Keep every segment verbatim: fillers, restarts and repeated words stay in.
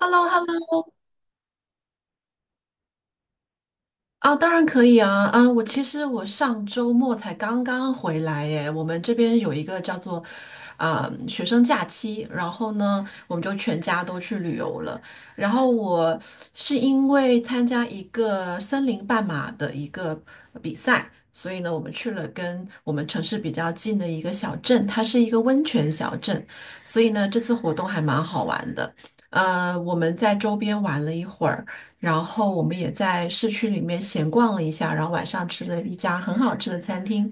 h e l l o h e l l o 啊，当然可以啊啊！我其实我上周末才刚刚回来耶，我们这边有一个叫做啊、学生假期，然后呢，我们就全家都去旅游了。然后我是因为参加一个森林半马的一个比赛，所以呢，我们去了跟我们城市比较近的一个小镇，它是一个温泉小镇，所以呢，这次活动还蛮好玩的。呃，我们在周边玩了一会儿。然后我们也在市区里面闲逛了一下，然后晚上吃了一家很好吃的餐厅，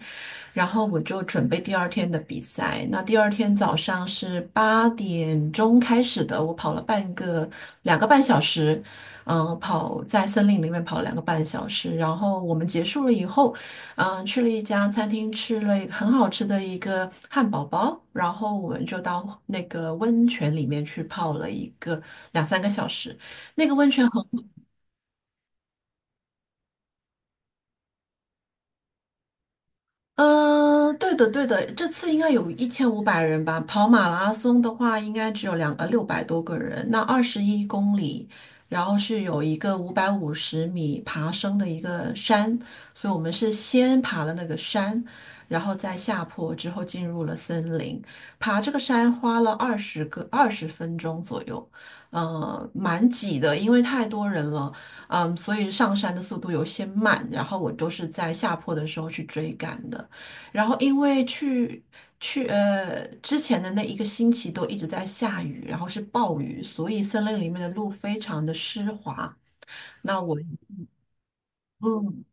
然后我就准备第二天的比赛。那第二天早上是八点钟开始的，我跑了半个两个半小时，嗯、跑在森林里面跑了两个半小时。然后我们结束了以后，嗯、去了一家餐厅吃了一个很好吃的一个汉堡包，然后我们就到那个温泉里面去泡了一个两三个小时。那个温泉很。嗯，呃对的，对的，这次应该有一千五百人吧。跑马拉松的话，应该只有两呃六百多个人。那二十一公里，然后是有一个五百五十米爬升的一个山，所以我们是先爬了那个山，然后再下坡，之后进入了森林。爬这个山花了二十个二十分钟左右，嗯，蛮挤的，因为太多人了，嗯，所以上山的速度有些慢，然后我都是在下坡的时候去追赶的。然后因为去去呃之前的那一个星期都一直在下雨，然后是暴雨，所以森林里面的路非常的湿滑。那我。嗯，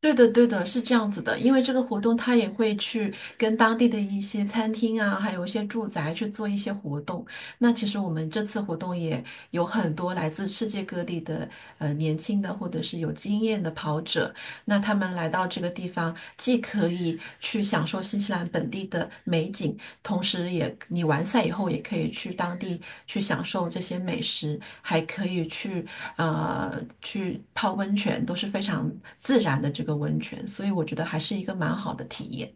对的，对的，是这样子的，因为这个活动他也会去跟当地的一些餐厅啊，还有一些住宅去做一些活动。那其实我们这次活动也有很多来自世界各地的呃年轻的或者是有经验的跑者，那他们来到这个地方，既可以去享受新西兰本地的美景，同时也，你完赛以后也可以去当地去享受这些美食，还可以去呃去泡温泉，都是非常自然的这个温泉，所以我觉得还是一个蛮好的体验。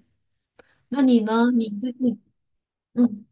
那你呢？你最近。嗯，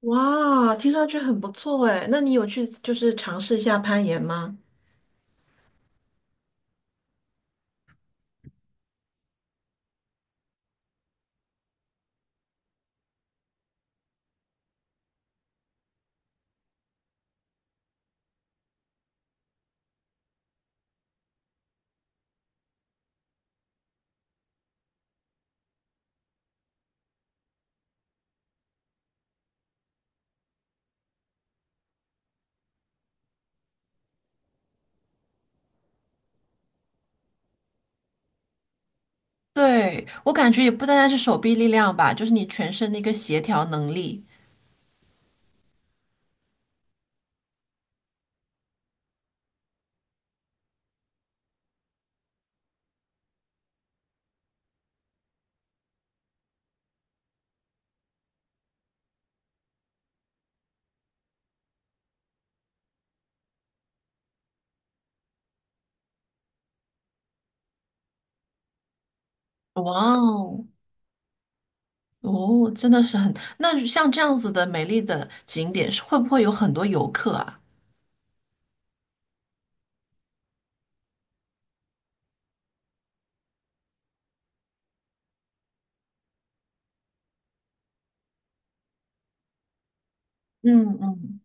哇，听上去很不错诶，那你有去就是尝试一下攀岩吗？对，我感觉也不单单是手臂力量吧，就是你全身的一个协调能力。哇哦！哦，真的是很，那像这样子的美丽的景点，是会不会有很多游客啊？嗯嗯。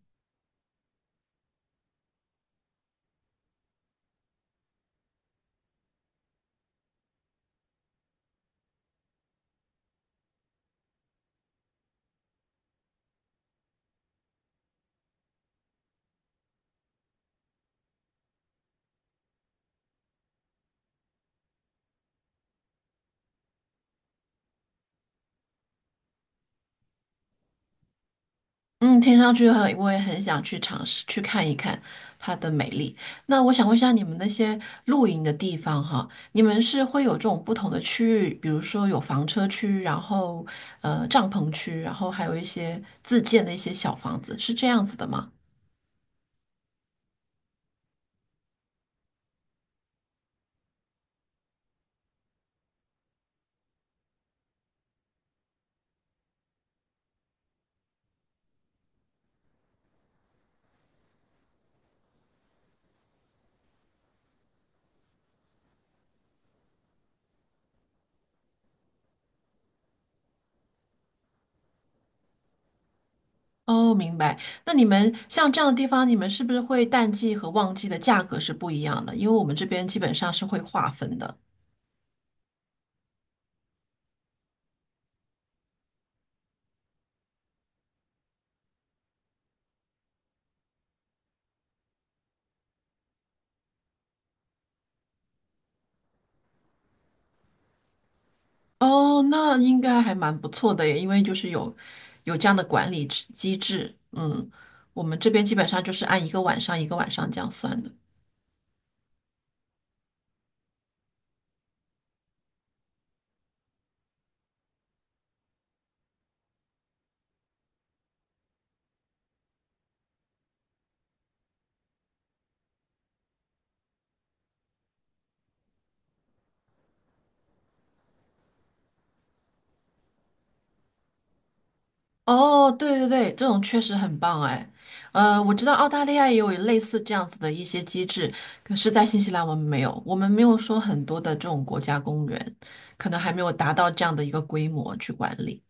嗯，听上去很，我也很想去尝试去看一看它的美丽。那我想问一下，你们那些露营的地方哈，你们是会有这种不同的区域，比如说有房车区，然后呃帐篷区，然后还有一些自建的一些小房子，是这样子的吗？哦，明白。那你们像这样的地方，你们是不是会淡季和旺季的价格是不一样的？因为我们这边基本上是会划分的。哦，那应该还蛮不错的耶，因为就是有有这样的管理制机制。嗯，我们这边基本上就是按一个晚上一个晚上这样算的。哦，对对对，这种确实很棒哎。呃，我知道澳大利亚也有类似这样子的一些机制，可是，在新西兰我们没有，我们没有说很多的这种国家公园，可能还没有达到这样的一个规模去管理。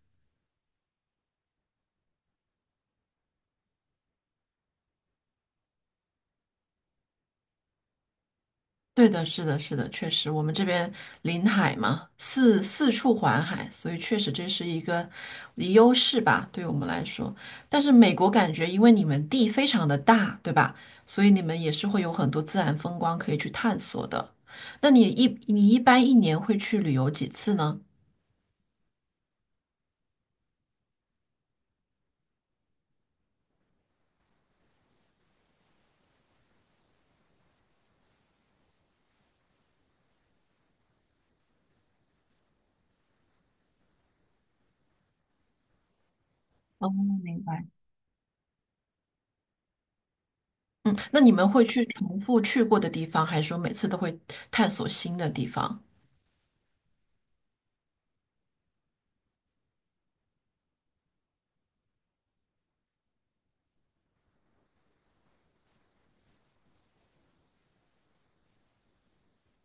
对的，是的，是的，确实，我们这边临海嘛，四四处环海，所以确实这是一个优势吧，对我们来说。但是美国感觉，因为你们地非常的大，对吧？所以你们也是会有很多自然风光可以去探索的。那你一你一般一年会去旅游几次呢？哦，明白。嗯，那你们会去重复去过的地方，还是说每次都会探索新的地方？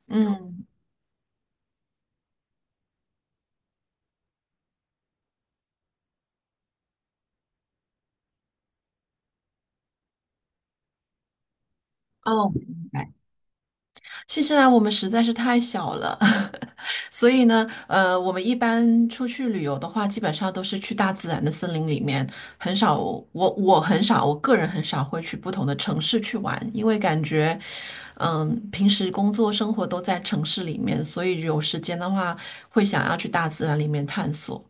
嗯。哦，明白。新西兰我们实在是太小了，所以呢，呃，我们一般出去旅游的话，基本上都是去大自然的森林里面，很少，我我很少，我个人很少会去不同的城市去玩，因为感觉，嗯，平时工作生活都在城市里面，所以有时间的话，会想要去大自然里面探索。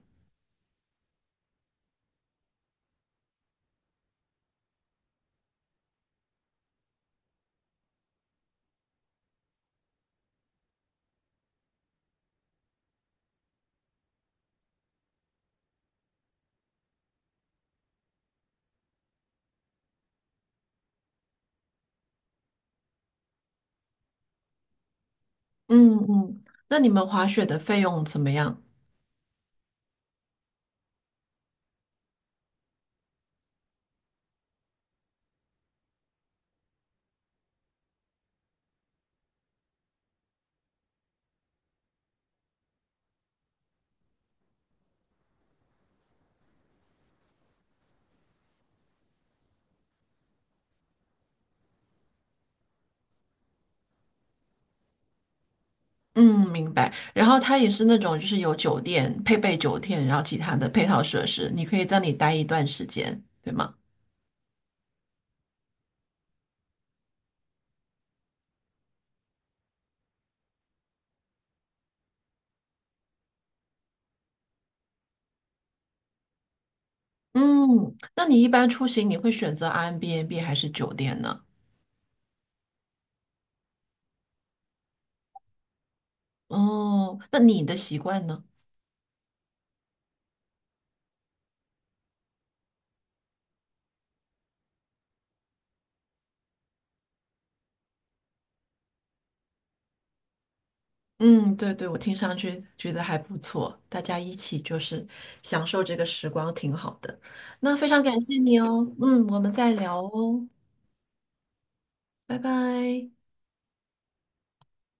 嗯嗯，那你们滑雪的费用怎么样？嗯，明白。然后它也是那种，就是有酒店配备酒店，然后其他的配套设施，你可以在里待一段时间，对吗？嗯，那你一般出行你会选择 Airbnb 还是酒店呢？哦，那你的习惯呢？嗯，对对，我听上去觉得还不错，大家一起就是享受这个时光，挺好的。那非常感谢你哦，嗯，我们再聊哦，拜拜。